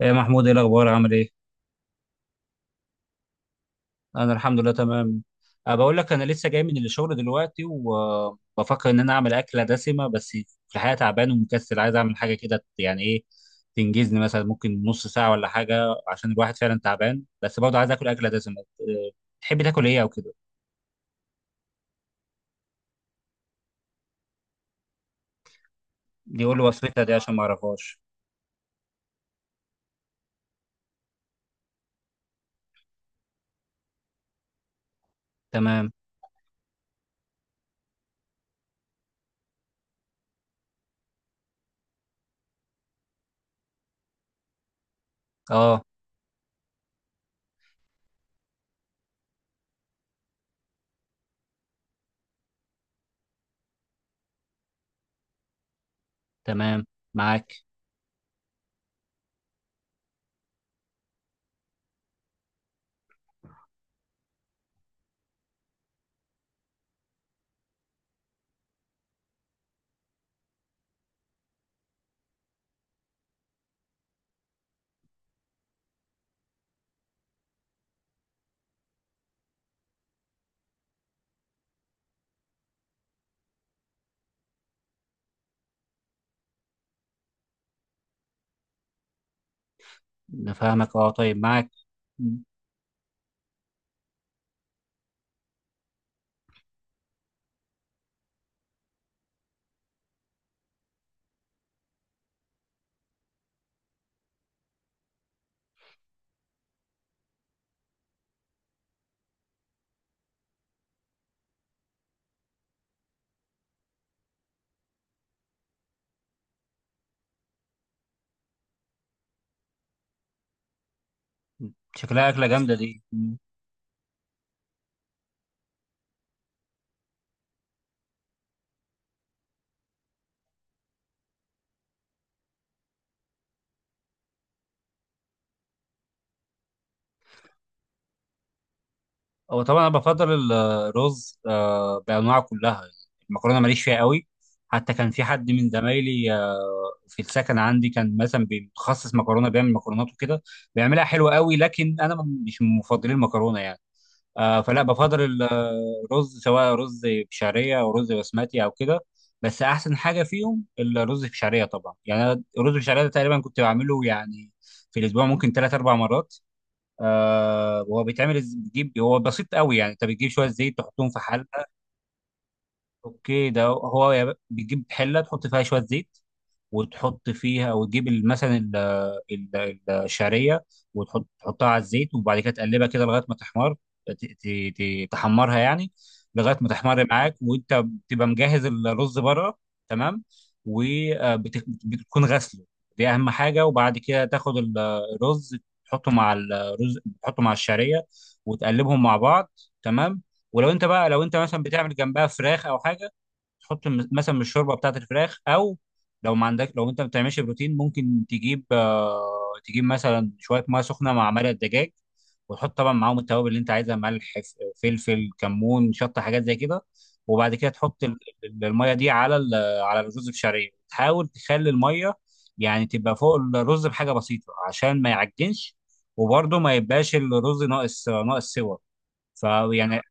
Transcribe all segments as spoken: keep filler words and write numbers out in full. يا محمود، ايه الاخبار؟ عامل ايه؟ انا الحمد لله تمام. أه بقول لك انا لسه جاي من الشغل دلوقتي، وبفكر ان انا اعمل اكله دسمه، بس في الحقيقه تعبان ومكسل، عايز اعمل حاجه كده يعني ايه تنجزني، مثلا ممكن نص ساعه ولا حاجه، عشان الواحد فعلا تعبان، بس برضه عايز اكل اكله دسمه. أه، تحب تاكل ايه او كده؟ يقول لي وصفتها دي عشان ما اعرفهاش. تمام. اه، تمام معاك. نفهمك اه، طيب، معاك. شكلها اكله جامده دي. هو طبعا انا بفضل ال- الرز آه، بانواعه كلها. المكرونه ماليش فيها قوي. حتى كان في حد من زمايلي، آه، في السكن عندي كان مثلا بيتخصص مكرونه، بيعمل مكرونات وكده، بيعملها حلوه قوي، لكن انا م- مش من مفضلين المكرونه يعني. آه، فلا بفضل ال- آه، الرز، سواء رز بشعريه او رز بسمتي او كده. بس احسن حاجه فيهم الرز بشعريه طبعا. يعني أنا الرز بشعريه ده تقريبا كنت بعمله، يعني في الاسبوع ممكن ثلاث اربع مرات. آه هو بيتعمل، إز- بتجيب، هو بسيط قوي يعني. انت بتجيب شويه زيت تحطهم في حله. اوكي، ده هو يا ب- بتجيب حله تحط فيها شويه زيت، وتحط فيها، وتجيب ال- مثلا ال- ال- الشعريه. وتحط تحطها على الزيت، وبعد كده تقلبها كده لغايه ما تحمر. ت- ت- ت- تحمرها يعني، لغايه ما تحمر معاك، وانت بتبقى مجهز الرز بره. تمام. وبتكون غسله، دي اهم حاجه. وبعد كده تاخد ال- الرز، تحطه مع الرز تحطه مع الشعريه، وتقلبهم مع بعض. تمام. ولو انت بقى لو انت مثلا بتعمل جنبها فراخ او حاجه، تحط م- مثلا من الشوربه بتاعت الفراخ. او لو ما عندك لو انت ما بتعملش بروتين، ممكن تجيب آه، تجيب مثلا شويه ميه سخنه مع مرق الدجاج، وتحط طبعا معاهم التوابل اللي انت عايزها: ملح، ف- فلفل، كمون، شطه، حاجات زي كده. وبعد كده تحط ال- ال- الميه دي على ال- على الرز بشعريه. تحاول تخلي الميه يعني تبقى فوق الرز بحاجه بسيطه عشان ما يعجنش، وبرده ما يبقاش الرز ناقص ناقص سوا، فيعني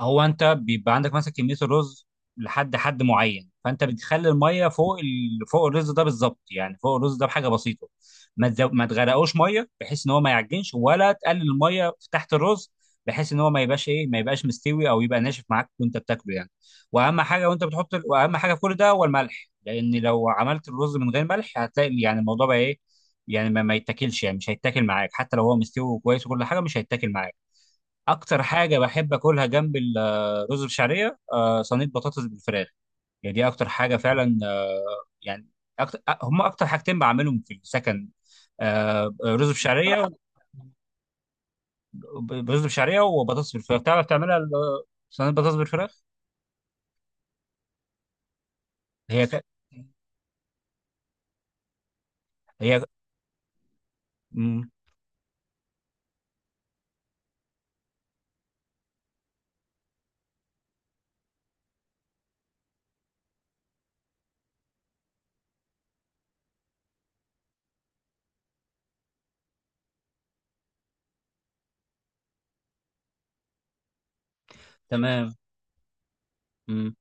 هو انت بيبقى عندك مثلا كميه الرز لحد حد معين، فانت بتخلي الميه فوق ال... فوق الرز ده بالظبط، يعني فوق الرز ده بحاجه بسيطه. ما تزو... ما تغرقوش ميه بحيث ان هو ما يعجنش، ولا تقلل الميه في تحت الرز، بحيث ان هو ما يبقاش ايه ما يبقاش مستوي، او يبقى ناشف معاك وانت بتاكله يعني. واهم حاجه وانت بتحط ال... واهم حاجه في كل ده هو الملح، لان لو عملت الرز من غير ملح، هتلاقي يعني الموضوع بقى ايه. يعني ما, ما يتاكلش يعني، مش هيتاكل معاك حتى لو هو مستوي وكويس وكل حاجه، مش هيتاكل معاك. اكتر حاجه بحب اكلها جنب الرز بالشعريه آه، صينيه بطاطس بالفراخ. يعني دي اكتر حاجه فعلا آه، يعني. أكتر هم اكتر حاجتين بعملهم في السكن، آه، رز بشعريه، رز بشعريه وبطاطس بالفراخ. تعرف تعملها ال- صينيه بطاطس بالفراخ؟ هي ك... هي. مم. تمام. مم.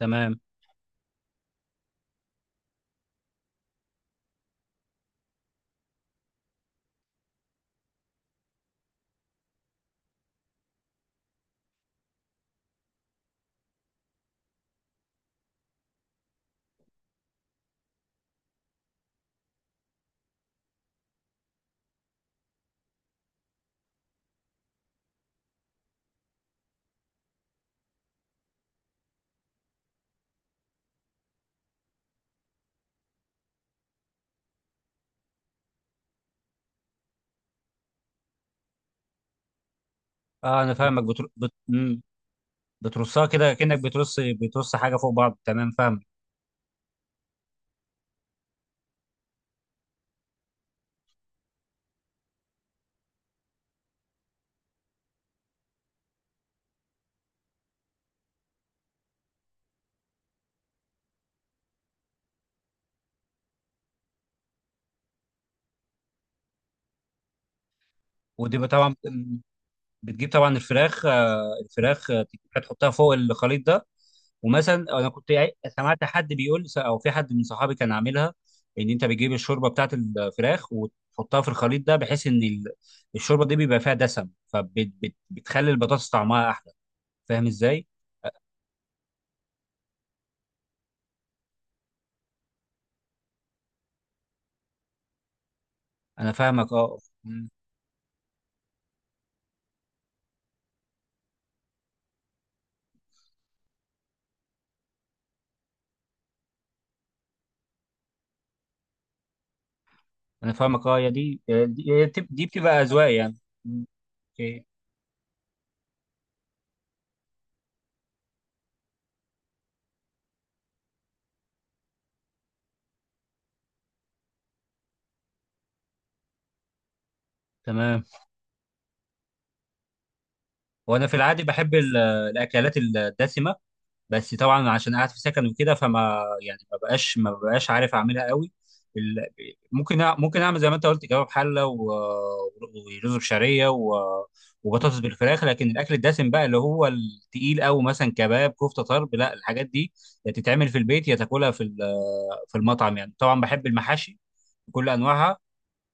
تمام. اه انا فاهمك. بتر... بت... مم. بترصها كده، كأنك بترص بترص حاجه فوق بعض. تمام، فاهم. ودي طبعا بتجيب طبعا الفراخ آه، الفراخ، آه، تجيبها تحطها فوق الخليط ده. ومثلا انا كنت عاي- سمعت حد بيقول، او في حد من صحابي كان عاملها، ان انت بتجيب الشوربه بتاعت الفراخ وتحطها في الخليط ده، بحيث ان ال- الشوربه دي بيبقى فيها دسم، فبتخلي البطاطس طعمها احلى. فاهم ازاي؟ انا فاهمك اه. مم. انا فاهمك اه، يا دي دي دي بتبقى اذواق يعني. مم. اوكي. تمام. وانا في العادي بحب ال- الاكلات الدسمه، بس طبعا عشان قاعد في سكن وكده، فما يعني ما بقاش ما بقاش عارف اعملها قوي. ال- ممكن أع- ممكن اعمل زي ما انت قلت كباب حله و- ورز بشعريه و- وبطاطس بالفراخ، لكن الاكل الدسم بقى اللي هو التقيل قوي، مثلا كباب كفته طرب لا، الحاجات دي يا تتعمل في البيت، يا تاكلها في ال- في المطعم يعني. طبعا بحب المحاشي بكل انواعها،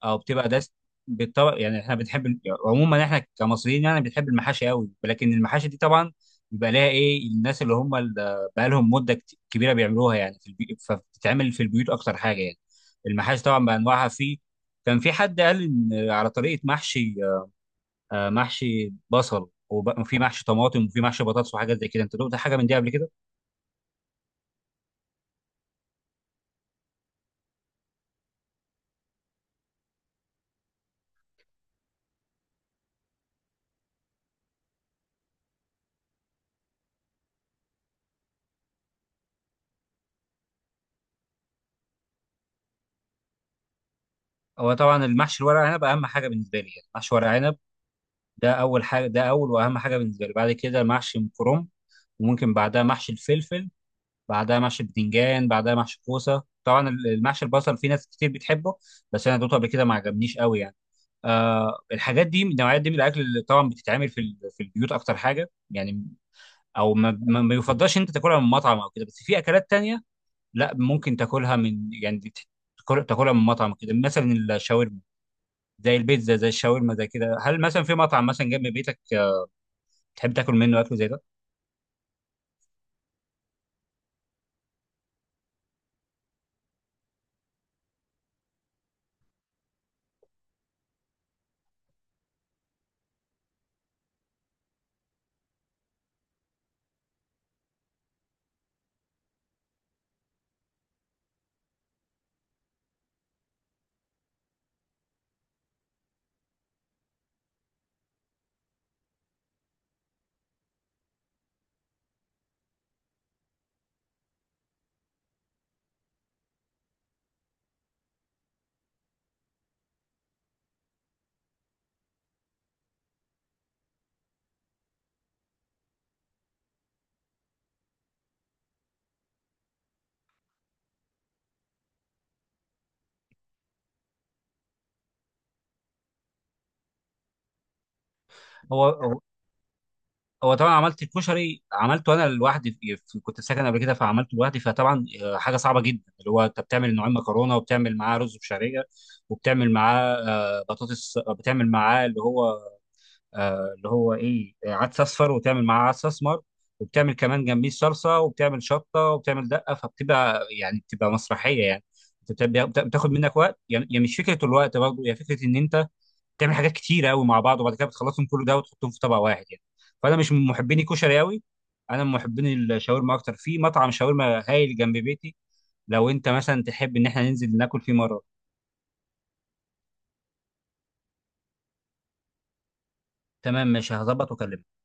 او بتبقى داس بالطبق. يعني احنا بنحب عموما احنا كمصريين يعني بنحب المحاشي قوي، لكن المحاشي دي طبعا بيبقى لها ايه الناس اللي هم اللي بقى لهم مده كت- كبيره بيعملوها، يعني في البي... فبتتعمل في البيوت اكتر حاجه يعني. المحاشي طبعا بانواعها في. كان في حد قال ان على طريقه محشي، آه، محشي بصل، وب- وفي محشي طماطم، وفي محشي بطاطس، وحاجات زي كده. انت دقت حاجه من دي قبل كده؟ هو طبعا المحشي الورق عنب اهم حاجه بالنسبه لي، يعني محشي ورق عنب، ده اول حاجه ده اول واهم حاجه بالنسبه لي. بعد كده محشي كرنب، وممكن بعدها محشي الفلفل، بعدها محشي البتنجان، بعدها محشي الكوسه. طبعا المحشي البصل في ناس كتير بتحبه، بس انا دوقته قبل كده ما عجبنيش قوي يعني. آه الحاجات دي النوعيات دي من الاكل اللي طبعا بتتعمل في ال- في البيوت اكتر حاجه يعني، او ما, ما ما يفضلش إن انت تاكلها من مطعم او كده. بس في اكلات تانية لا، ممكن تاكلها من يعني بت- تاكل- تاكلها من مطعم، كده مثلا الشاورما، زي البيتزا، زي الشاورما، زي كده. هل مثلا في مطعم مثلا جنب بيتك آه، تحب تاكل منه اكل زي ده؟ هو هو طبعا عملت الكشري عملته انا لوحدي في في- كنت ساكن قبل كده، فعملته لوحدي، فطبعا آه، حاجه صعبه جدا، اللي هو انت بتعمل نوعين مكرونه، وبتعمل معاه رز بشعريه، وبتعمل معاه آه، بطاطس، آه، بتعمل معاه اللي هو آه، اللي هو ايه آه، عدس اصفر، وبتعمل معاه عدس اسمر، وبتعمل كمان جنبيه صلصه، وبتعمل شطه، وبتعمل دقه، فبتبقى يعني بتبقى مسرحيه يعني. بت- بت- بتاخد منك وقت يعني، يعني مش فكره الوقت، برضه هي فكره ان انت بتعمل حاجات كتير قوي مع بعض، وبعد كده بتخلصهم كله ده وتحطهم في طبق واحد يعني. فانا مش من محبين الكشري قوي، انا من محبين الشاورما اكتر. في مطعم شاورما هايل جنب بيتي، لو انت مثلا تحب ان احنا ننزل ناكل فيه مره. تمام، ماشي، هظبط واكلمك.